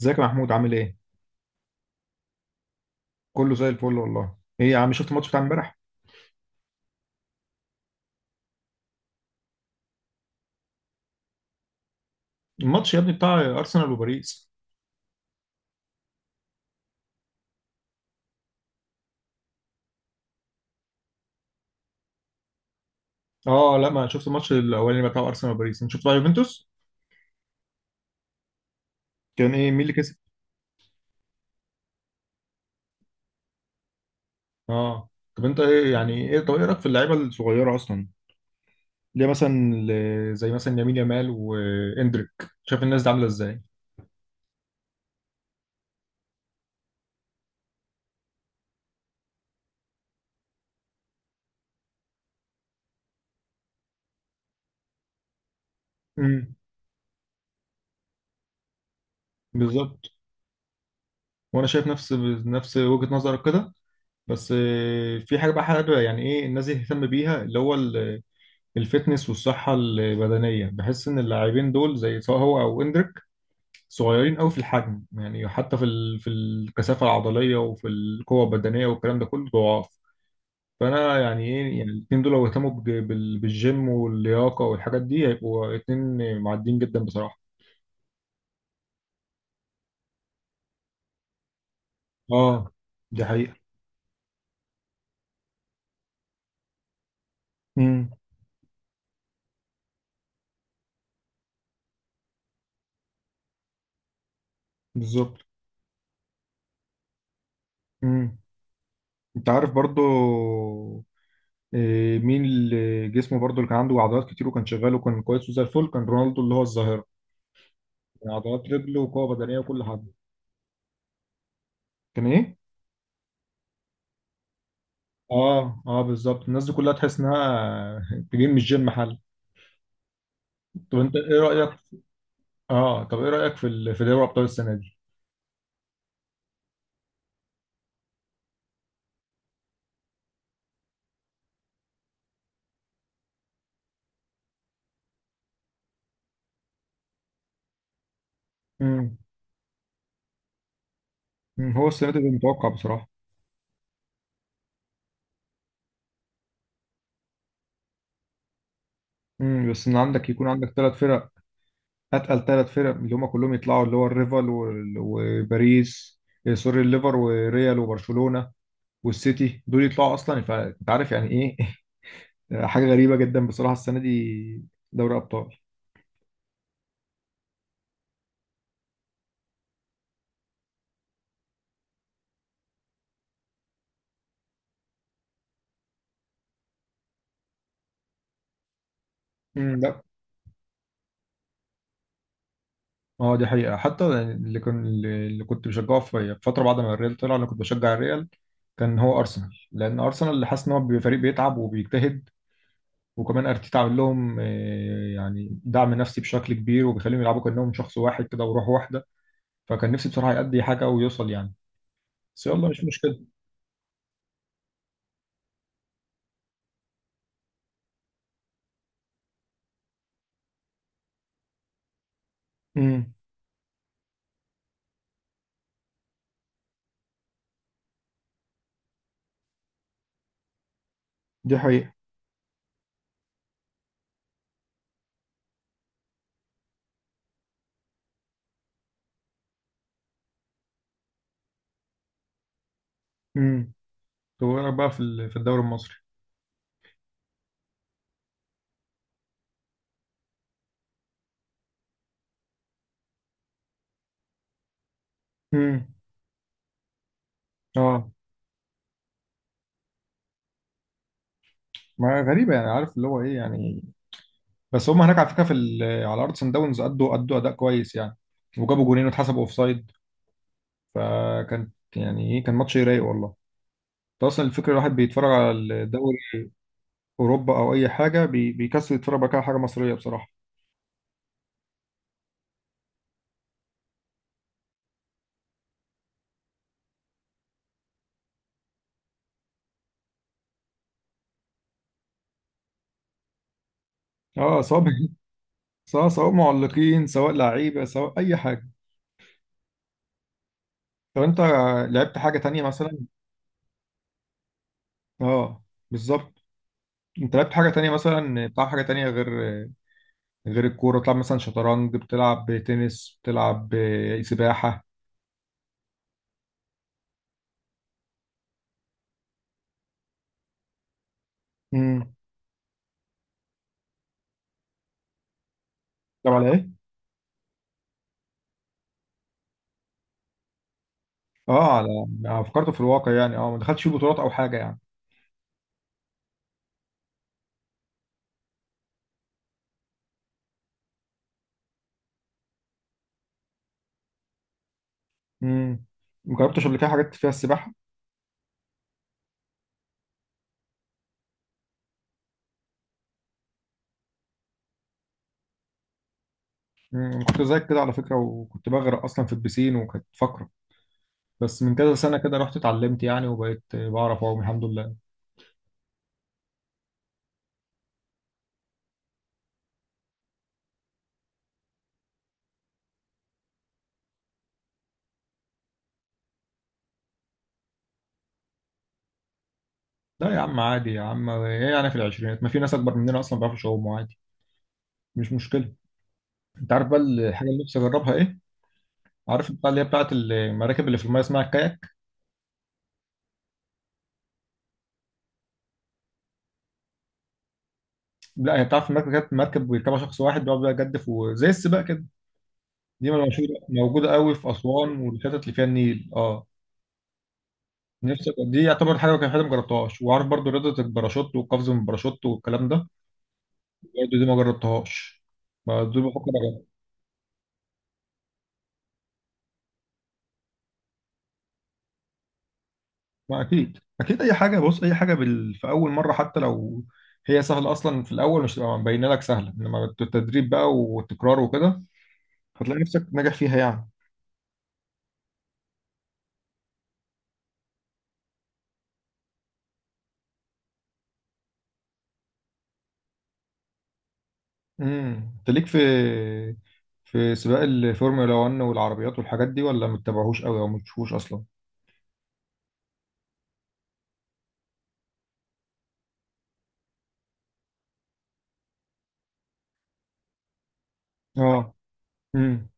ازيك يا محمود عامل ايه؟ كله زي الفل والله. ايه يا عم شفت الماتش بتاع امبارح؟ الماتش يا ابني بتاع ارسنال وباريس. اه لا ما شفت الماتش الاولاني بتاع ارسنال وباريس، انت شفت بقى يوفنتوس؟ كان ايه مين اللي كسب؟ اه، طب انت ايه يعني ايه طب ايه رايك في اللعيبه الصغيره اصلا؟ ليه مثلا زي مثلا يمين يامال واندريك، شايف الناس دي عامله ازاي؟ امم. بالظبط. وانا شايف نفس وجهه نظرك كده. بس في حاجه بقى حابب يعني ايه الناس دي تهتم بيها اللي هو الفتنس والصحة البدنية. بحس إن اللاعبين دول زي سواء هو أو إندريك صغيرين أوي في الحجم، يعني حتى في الكثافة العضلية وفي القوة البدنية والكلام ده كله ضعاف. فأنا يعني إيه يعني الاتنين دول لو اهتموا بالجيم واللياقة والحاجات دي هيبقوا اتنين معديين جدا بصراحة. آه دي حقيقة. امم بالظبط. امم أنت عارف برضو مين اللي جسمه برضو اللي كان عنده عضلات كتير وكان شغال وكان كويس وزي الفل كان رونالدو اللي هو الظاهرة. عضلات رجل وقوة بدنية وكل حاجة. كان ايه؟ اه اه، بالظبط، الناس دي كلها تحس انها تجيب مش جيم حل. طب انت ايه رأيك؟ اه، طب ايه رأيك في دوري ابطال السنة دي؟ امم هو السنه دي كان متوقع بصراحه. بس ان يكون عندك ثلاث فرق، اتقل ثلاث فرق، اللي هم كلهم يطلعوا اللي هو الريفال وباريس، سوري، الليفر وريال وبرشلونه والسيتي دول يطلعوا اصلا، فانت عارف يعني ايه. حاجه غريبه جدا بصراحه السنه دي دوري ابطال. امم اه، دي حقيقة، حتى اللي كنت بشجعه في فترة بعد ما الريال طلع، انا كنت بشجع الريال، كان هو ارسنال، لان ارسنال اللي حاسس ان هو بيبقى فريق بيتعب وبيجتهد، وكمان ارتيتا عامل لهم يعني دعم نفسي بشكل كبير وبيخليهم يلعبوا كانهم شخص واحد كده وروح واحدة. فكان نفسي بصراحة يأدي حاجة ويوصل يعني، بس يلا مش مشكلة. امم دي حقيقة. امم طب ايه رأيك بقى في الدوري المصري؟ امم اه، ما غريبة يعني، عارف اللي هو ايه يعني. بس هم هناك على فكره على ارض سان داونز ادوا اداء كويس يعني، وجابوا جونين واتحسبوا اوفسايد، فكان يعني ايه كان ماتش رايق والله. انت اصلا الفكره الواحد بيتفرج على الدوري اوروبا او اي حاجه بيكسر يتفرج بقى على حاجه مصريه بصراحه. اه، سواء سواء معلقين سواء لعيبه سواء اي حاجه. طب انت لعبت حاجه تانية مثلا؟ اه، بالظبط. انت لعبت حاجه تانية مثلا؟ بتلعب حاجه تانية غير الكوره؟ بتلعب مثلا شطرنج، بتلعب تنس، بتلعب سباحه؟ امم طب على ايه؟ اه، على، أنا فكرته في الواقع يعني، اه ما دخلتش فيه بطولات او حاجه يعني. امم ما جربتش قبل كده حاجات فيها السباحه؟ كنت زيك كده على فكره، وكنت بغرق اصلا في البسين وكانت فقره، بس من كذا سنه كده رحت اتعلمت يعني وبقيت بعرف اعوم الحمد لله. لا يا عم، عادي يا عم، ايه يعني في العشرينات، ما في ناس اكبر مننا اصلا ما بيعرفوش يعوموا عادي، مش مشكله. انت عارف بقى الحاجه اللي نفسي اجربها ايه؟ عارف البتاع اللي هي بتاعت المراكب اللي في المايه اسمها الكاياك؟ لا، هي بتاعت المركب، مركب بيركبها شخص واحد بيقعد بقى يجدف وزي السباق كده. دي موجودة، موجودة قوي في أسوان والحتت اللي فيها النيل، اه. نفسي دي يعتبر حاجة ما جربتهاش، وعارف برضو رياضة الباراشوت والقفز من الباراشوت والكلام ده، برضو دي ما جربتهاش. ما دول بفكر أجرب. ما أكيد أكيد، أي حاجة، بص، أي حاجة في أول مرة حتى لو هي سهلة أصلا، في الأول مش تبقى مبينة لك سهلة، إنما التدريب بقى والتكرار وكده هتلاقي نفسك ناجح فيها يعني. أنت ليك في سباق الفورمولا 1 والعربيات والحاجات دي، ولا ما بتتابعهوش قوي أو ما بتشوفوش أصلا؟ اه. امم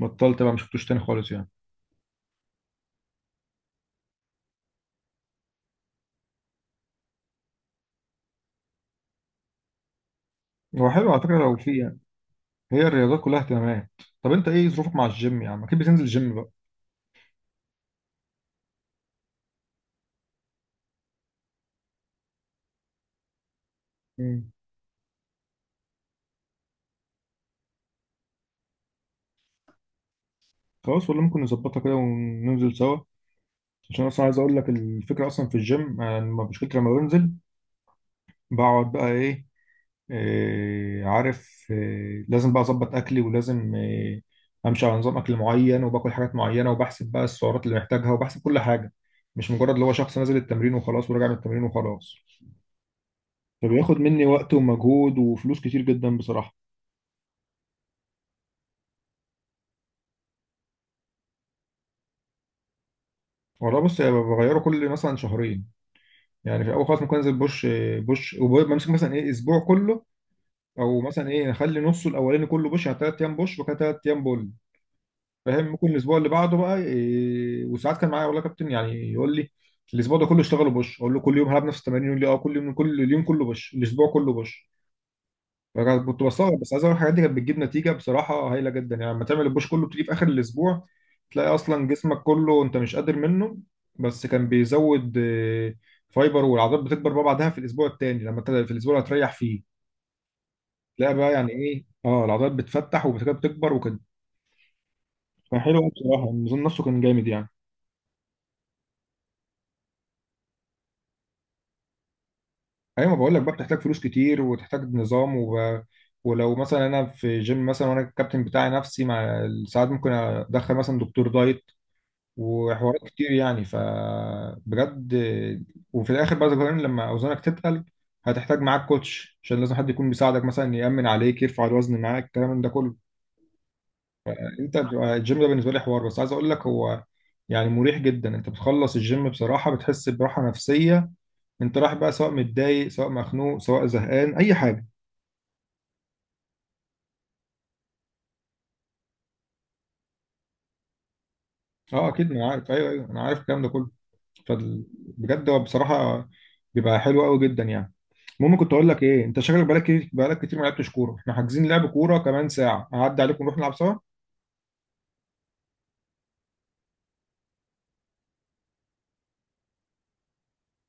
بطلت بقى ما شفتوش تاني خالص يعني. هو حلو على فكره لو في يعني، هي الرياضات كلها اهتمامات. طب انت ايه ظروفك مع الجيم يا عم؟ اكيد بتنزل الجيم بقى. مم. خلاص، ولا ممكن نظبطها كده وننزل سوا؟ عشان اصلا عايز اقول لك الفكره، اصلا في الجيم، انا مشكلتي لما بنزل بقعد بقى عارف إيه لازم بقى اظبط اكلي، ولازم إيه، امشي على نظام اكل معين وباكل حاجات معينه، وبحسب بقى السعرات اللي محتاجها وبحسب كل حاجه، مش مجرد اللي هو شخص نازل التمرين وخلاص وراجع من التمرين وخلاص، فبياخد مني وقت ومجهود وفلوس كتير جدا بصراحه. والله بص، أنا بغيره كل مثلا شهرين، يعني في الاول خالص ممكن انزل بوش، بوش، وبمسك مثلا ايه اسبوع كله، او مثلا ايه اخلي نصه الاولاني كله بوش، يعني ثلاث ايام بوش وكده ثلاث ايام بول، فاهم؟ ممكن الاسبوع اللي بعده بقى إيه، وساعات كان معايا والله كابتن يعني يقول لي الاسبوع ده كله اشتغلوا بوش، اقول له كل يوم هلعب نفس التمارين؟ يقول لي اه، كل يوم، كل اليوم كله بوش، الاسبوع كله بوش. بجد كنت بستغرب، بس عايز اقول الحاجات دي كانت بتجيب نتيجه بصراحه هايله جدا، يعني لما تعمل البوش كله بتيجي في اخر الاسبوع تلاقي اصلا جسمك كله انت مش قادر منه، بس كان بيزود فايبر، والعضلات بتكبر بقى بعدها في الاسبوع التاني، لما انت في الاسبوع اللي هتريح فيه تلاقي بقى يعني ايه العضلات بتفتح وبتكبر بتكبر وكده. كان حلو أوي بصراحه، النظام نفسه كان جامد يعني. ايوه، ما بقول لك بقى بتحتاج فلوس كتير وتحتاج نظام ولو مثلا انا في جيم مثلا وانا الكابتن بتاعي نفسي، مع ساعات ممكن ادخل مثلا دكتور دايت وحوارات كتير يعني، فبجد. وفي الاخر بقى ذكرين لما اوزانك تتقل هتحتاج معاك كوتش، عشان لازم حد يكون بيساعدك مثلا، يأمن عليك، يرفع الوزن معاك، الكلام من ده كله. انت بتبقى الجيم ده بالنسبه لي حوار، بس عايز اقول لك هو يعني مريح جدا، انت بتخلص الجيم بصراحه بتحس براحه نفسيه، انت رايح بقى سواء متضايق سواء مخنوق سواء زهقان اي حاجه. اه اكيد، انا عارف، ايوه ايوه انا عارف الكلام ده كله، فبجد هو بصراحه بيبقى حلو قوي جدا يعني. المهم، كنت اقول لك ايه، انت شكلك بقالك كتير بقالك كتير ما لعبتش كوره، احنا حاجزين لعب كوره كمان ساعه، هعدي عليكم نروح نلعب سوا.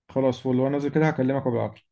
خلاص، فل، وانا نازل كده هكلمك وبالعافيه.